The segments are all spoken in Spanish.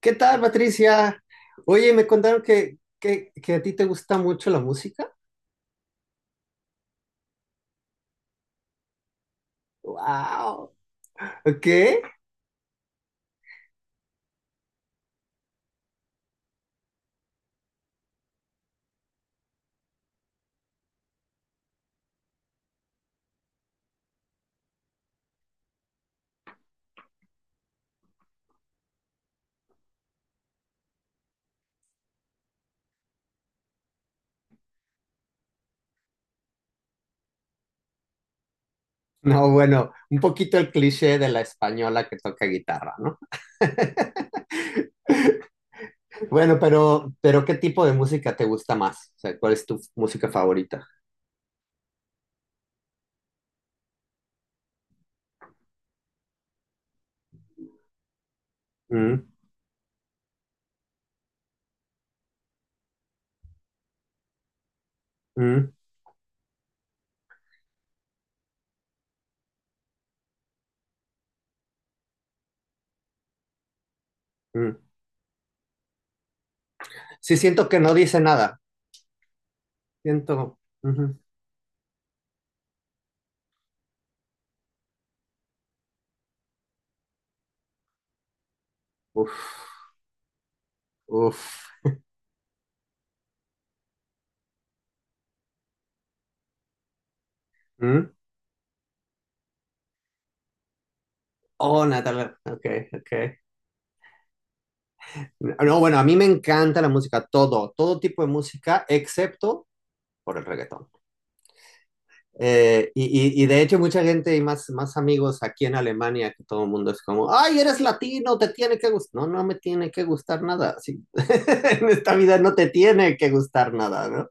¿Qué tal, Patricia? Oye, me contaron que a ti te gusta mucho la música. ¡Wow! ¿Ok? No, bueno, un poquito el cliché de la española que toca guitarra, ¿no? Bueno, pero ¿qué tipo de música te gusta más? O sea, ¿cuál es tu música favorita? Mm, mm, mm. Sí, siento que no dice nada. Siento. Ujú. Uf, uf. Mm. Oh, Natalia. Ok, ok. No, bueno, a mí me encanta la música, todo tipo de música, excepto por el reggaetón. Y de hecho mucha gente y más amigos aquí en Alemania, que todo el mundo es como, ay, eres latino, te tiene que gustar. No, no me tiene que gustar nada. Sí. En esta vida no te tiene que gustar nada, ¿no?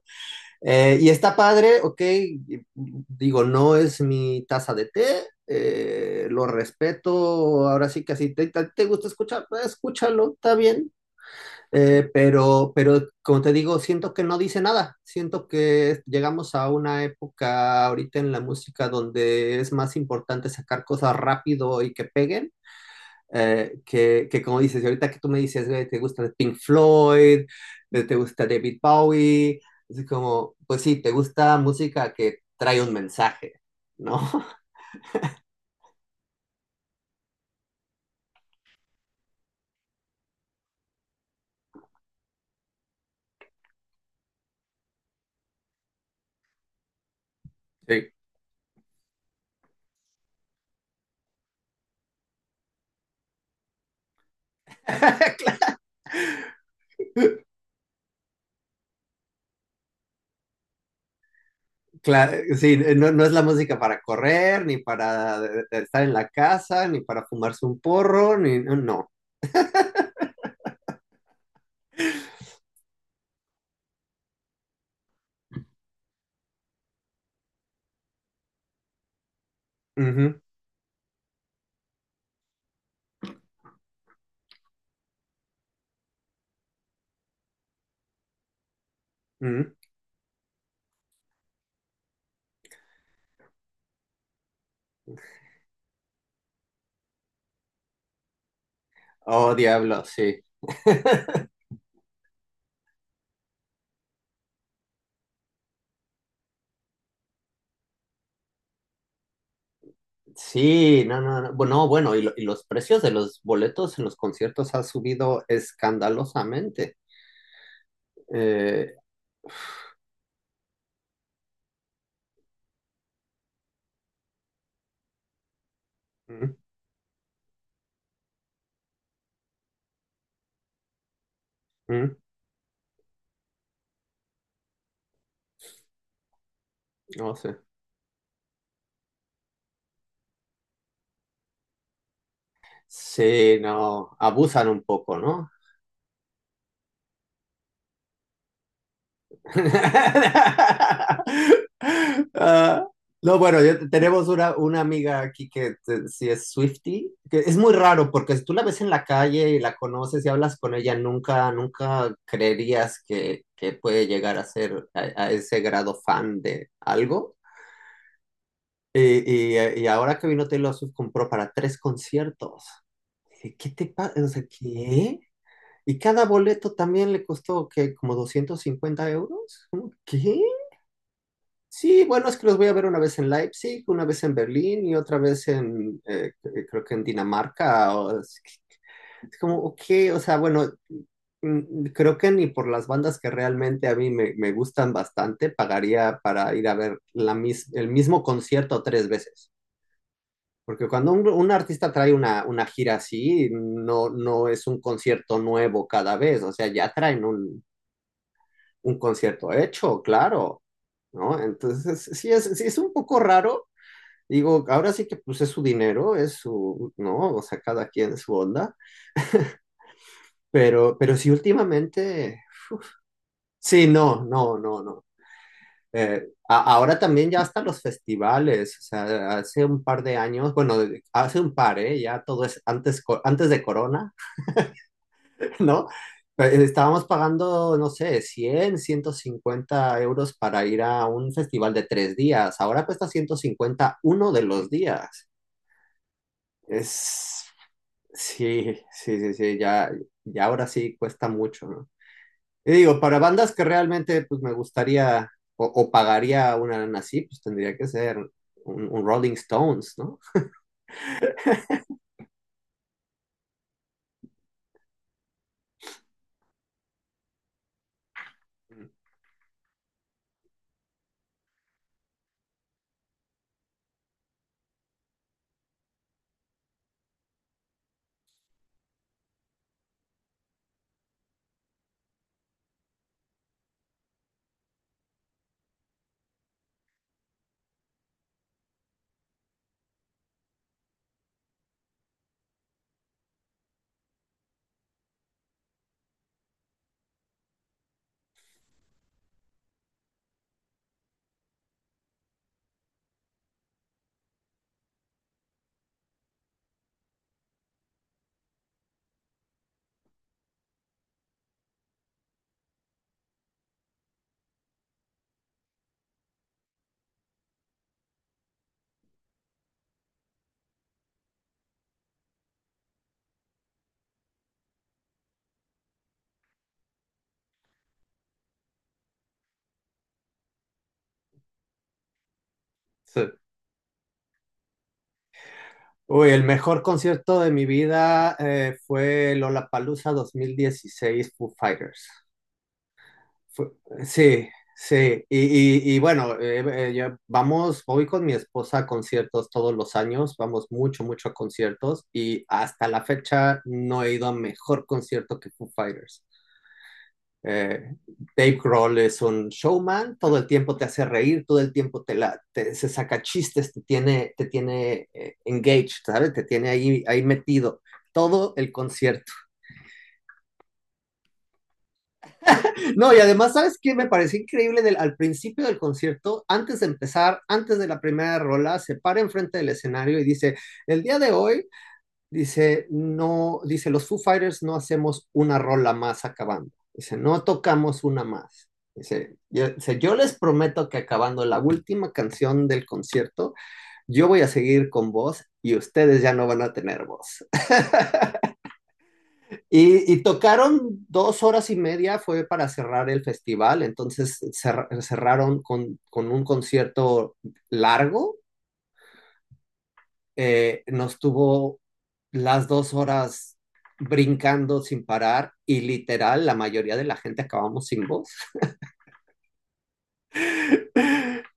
Y está padre, ok, digo, no es mi taza de té, lo respeto, ahora sí que así te gusta escuchar, pues, escúchalo, está bien, pero como te digo, siento que no dice nada. Siento que llegamos a una época ahorita en la música donde es más importante sacar cosas rápido y que peguen. Que como dices, y ahorita que tú me dices, "Güey, te gusta Pink Floyd, te gusta David Bowie", es como, pues sí, te gusta música que trae un mensaje, ¿no? Sí. Claro, sí, no, no es la música para correr, ni para de estar en la casa, ni para fumarse un porro, ni no. No. Ujú, ujú. Oh, diablo, sí. Sí, no, no, no. Bueno, no, bueno, y los precios de los boletos en los conciertos ha subido escandalosamente. Eh, mm, mm, no sé. Sí, no, abusan un poco, ¿no? Ah, no, bueno, tenemos una amiga aquí que sí es Swiftie, que es muy raro porque si tú la ves en la calle y la conoces y hablas con ella, nunca, nunca creerías que puede llegar a ser a ese grado fan de algo. Y ahora que vino Taylor Swift compró para tres conciertos. Dije, "¿qué te pasa? O sea, ¿qué?" Y cada boleto también le costó que como 250 euros. ¿Cómo? ¿Qué? Sí, bueno, es que los voy a ver una vez en Leipzig, una vez en Berlín y otra vez en, creo que en Dinamarca. Es como, ok, o sea, bueno, creo que ni por las bandas que realmente a mí me gustan bastante, pagaría para ir a ver el mismo concierto tres veces. Porque cuando un artista trae una gira así, no, no es un concierto nuevo cada vez, o sea, ya traen un concierto hecho, claro. ¿No? Entonces, sí es un poco raro. Digo, ahora sí que pues es su dinero, es su, ¿no? O sea, cada quien su onda, pero sí últimamente, sí, no, no, no, no. Ahora también ya hasta los festivales, o sea, hace un par de años, bueno, hace un par, ¿eh? Ya todo es antes, antes de Corona, ¿no? Estábamos pagando, no sé, 100 150 euros para ir a un festival de 3 días. Ahora cuesta 150 uno de los días. Es Sí, sí, sí, sí, ya, ya ahora sí cuesta mucho, ¿no? Y digo, para bandas que realmente pues me gustaría o, pagaría una lana así, pues tendría que ser un Rolling Stones, ¿no? Sí. Uy, el mejor concierto de mi vida fue Lollapalooza 2016 Foo Fighters. Fue- Sí, sí. Y bueno, vamos, voy con mi esposa a conciertos todos los años, vamos mucho, mucho a conciertos y hasta la fecha no he ido a mejor concierto que Foo Fighters. Eh, Dave Grohl es un showman, todo el tiempo te hace reír, todo el tiempo se saca chistes, te tiene engaged, ¿sabes? Te tiene ahí, ahí metido todo el concierto. No, y además, ¿sabes qué? Me pareció increíble al principio del concierto, antes de empezar, antes de la primera rola, se para enfrente del escenario y dice, "el día de hoy", dice, no, dice, "los Foo Fighters no hacemos una rola más acabando". Dice, "no tocamos una más". Dice, yo, dice, "yo les prometo que acabando la última canción del concierto, yo voy a seguir con voz y ustedes ya no van a tener voz". Y tocaron 2 horas y media, fue para cerrar el festival, entonces cerraron con un concierto largo, nos tuvo las 2 horas brincando sin parar y literal la mayoría de la gente acabamos sin voz.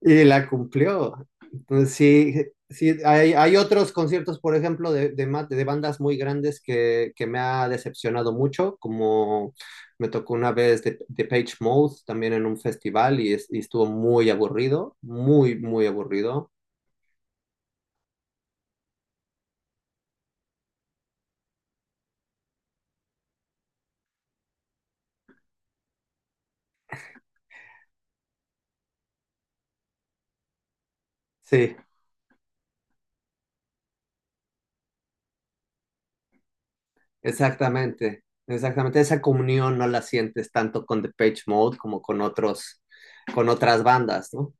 Y la cumplió. Entonces, sí, sí hay otros conciertos, por ejemplo, de bandas muy grandes que me ha decepcionado mucho, como me tocó una vez de Page Mode también en un festival y, y estuvo muy aburrido, muy, muy aburrido. Sí, exactamente, exactamente. Esa comunión no la sientes tanto con The Page Mode como con otras bandas, ¿no?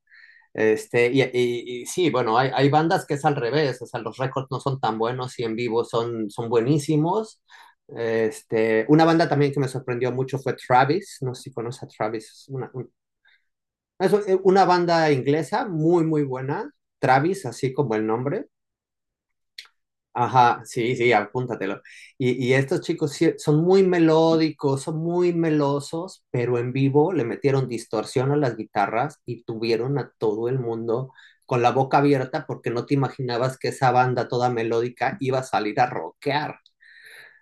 Y sí, bueno, hay bandas que es al revés, o sea, los récords no son tan buenos y en vivo son buenísimos. Una banda también que me sorprendió mucho fue Travis, no sé si conoces a Travis, es es una banda inglesa muy, muy buena, Travis, así como el nombre. Ajá, sí, sí, apúntatelo. Y estos chicos sí son muy melódicos, son muy melosos, pero en vivo le metieron distorsión a las guitarras y tuvieron a todo el mundo con la boca abierta porque no te imaginabas que esa banda toda melódica iba a salir a rockear.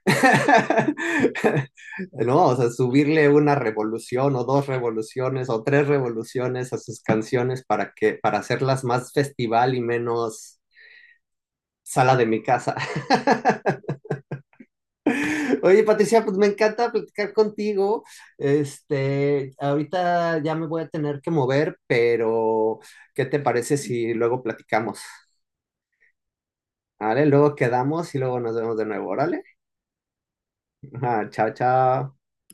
No, o sea, subirle una revolución o dos revoluciones o tres revoluciones a sus canciones para para hacerlas más festival y menos sala de mi casa. Oye, Patricia, pues me encanta platicar contigo. Ahorita ya me voy a tener que mover, pero ¿qué te parece si luego platicamos? Vale, luego quedamos y luego nos vemos de nuevo, órale. Ajá, chao, chao.